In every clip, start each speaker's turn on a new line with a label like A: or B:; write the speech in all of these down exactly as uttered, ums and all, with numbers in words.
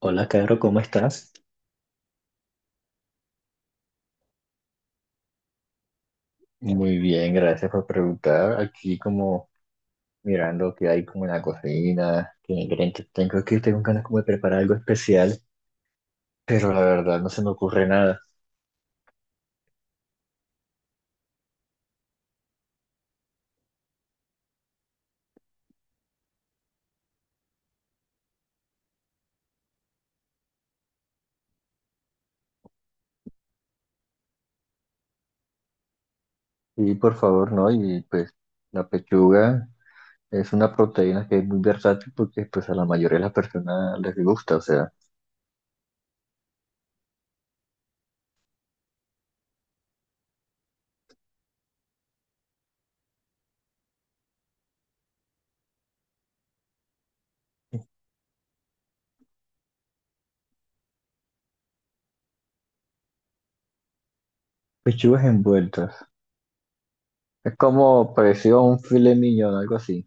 A: Hola, Caro, ¿cómo estás? Muy bien, gracias por preguntar. Aquí como mirando qué hay como en la cocina, qué ingredientes tengo, que tengo ganas como de preparar algo especial, pero la verdad no se me ocurre nada. Y por favor, no, y pues la pechuga es una proteína que es muy versátil porque pues a la mayoría de las personas les gusta, o sea, pechugas envueltas. Es como parecido a un filet mignon, algo así.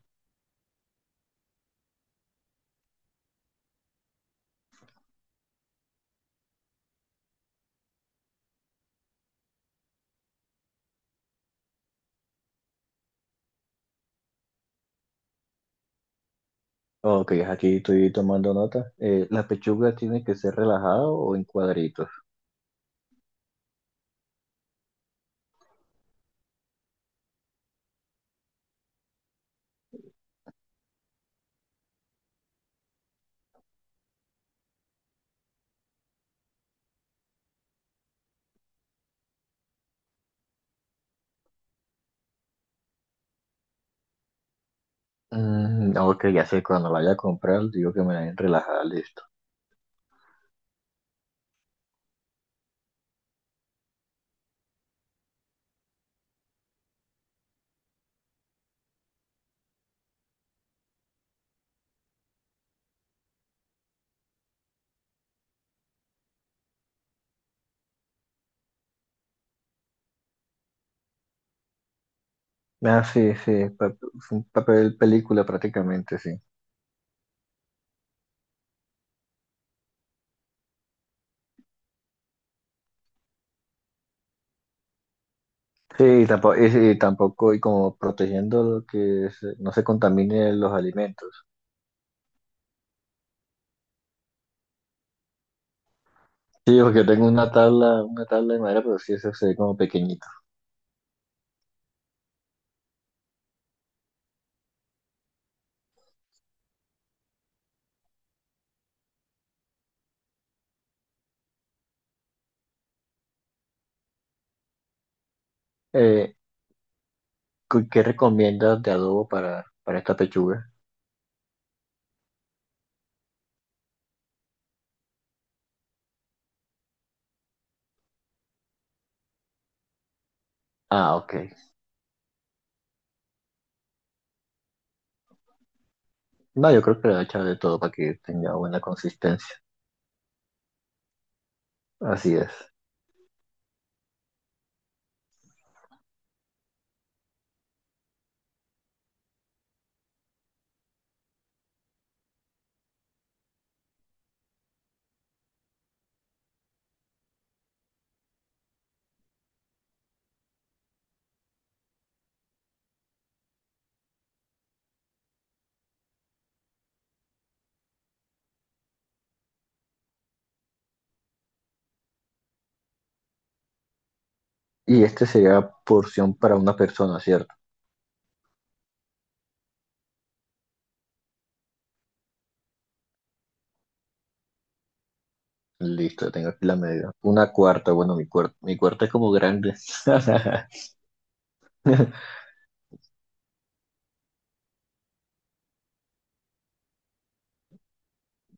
A: Ok, aquí estoy tomando nota. Eh, ¿la pechuga tiene que ser relajada o en cuadritos? Mm, no, que ya sé, cuando la vaya a comprar, digo que me la den relajada, listo. Ah, sí, sí, pa- es un papel película prácticamente, sí. Sí, tampoco, y, sí, tampoco, y como protegiendo lo que se- no se contamine los alimentos. Sí, porque yo tengo una tabla, una tabla de madera, pero sí, eso se ve como pequeñito. Eh, ¿cu- ¿Qué recomiendas de adobo para, para esta pechuga? Ah, ok. No, yo creo que le voy a echar de todo para que tenga buena consistencia. Así es. ¿Y este sería porción para una persona, cierto? Listo, tengo aquí la medida. Una cuarta, bueno, mi cuarta, mi cuarta es como grande.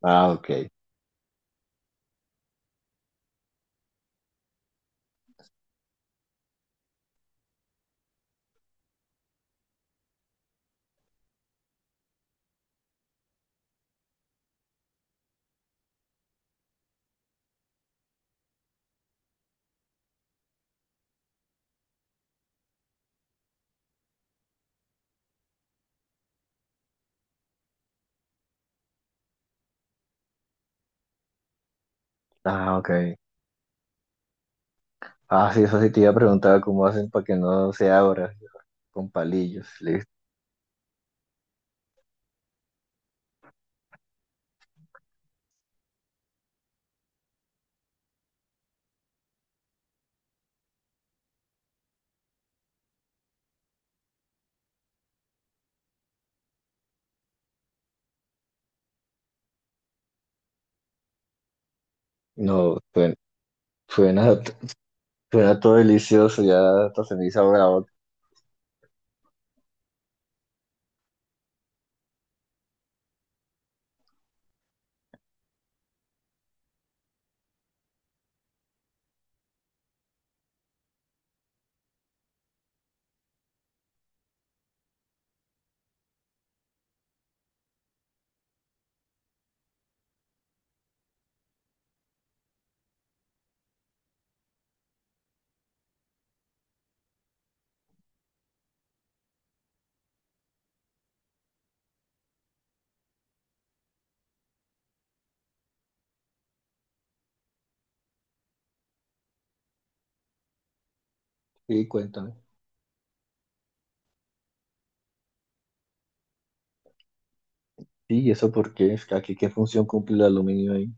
A: Ah, ok. Ah, ok. Ah, sí, eso sí te iba a preguntar cómo hacen para que no se abra, con palillos. Listo. No, suena, suena, suena todo delicioso, ya hasta se me hizo agua la boca. Sí, cuéntame. Sí, ¿y eso por qué? Es que aquí, ¿qué función cumple el aluminio ahí?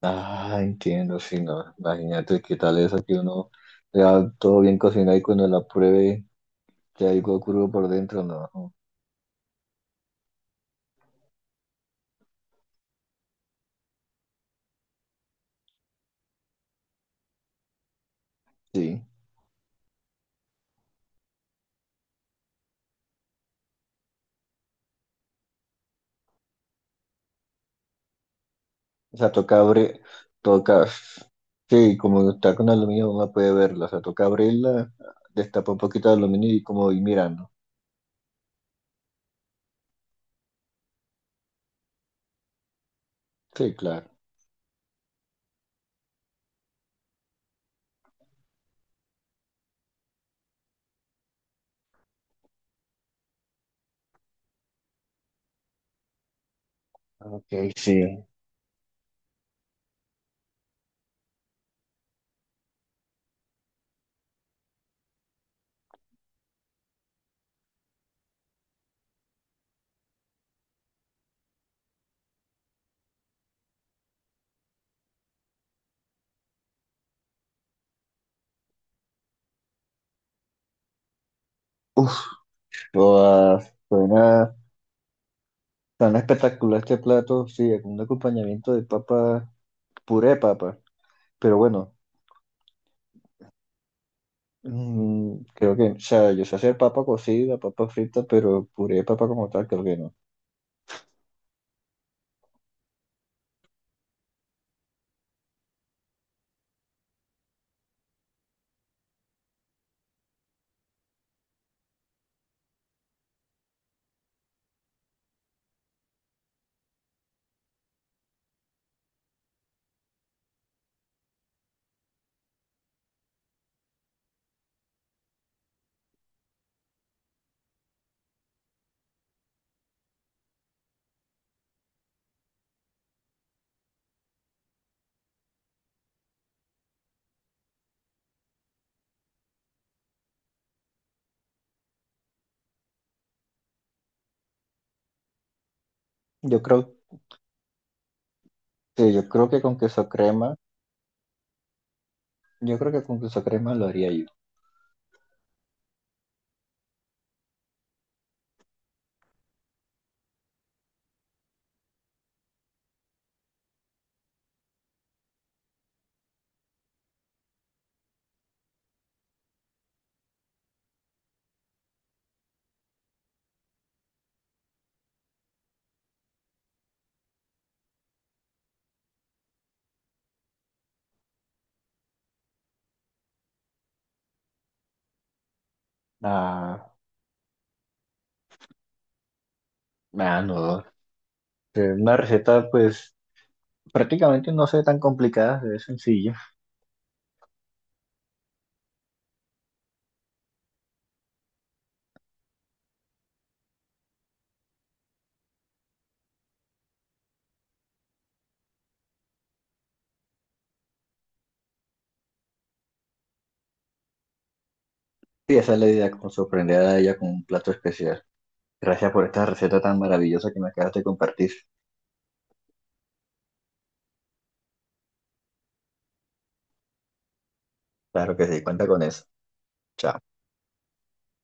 A: Ah, entiendo, sí, no. Imagínate qué tal eso que uno le da todo bien cocinado y cuando la pruebe que algo crudo por dentro, no. no, Sí. O sea, toca abrir, toca, sí, como está con aluminio, uno puede verla. O sea, toca abrirla, destapa un poquito de aluminio y como ir mirando. Sí, claro. Ok, sí. Uf, toda- suena tan espectacular este plato, sí, con un acompañamiento de papa, puré de papa. Pero bueno, mm, creo que, o sea, yo sé hacer papa cocida, papa frita, pero puré de papa como tal, creo que no. Yo creo, sí, yo creo que con queso crema, yo creo que con queso crema lo haría yo. Ah, ah, no, Eh, una receta, pues, prácticamente no sé, tan complicada, es sencilla. Y esa es la idea, como sorprender a ella con un plato especial. Gracias por esta receta tan maravillosa que me acabas de compartir. Claro que sí, cuenta con eso. Chao.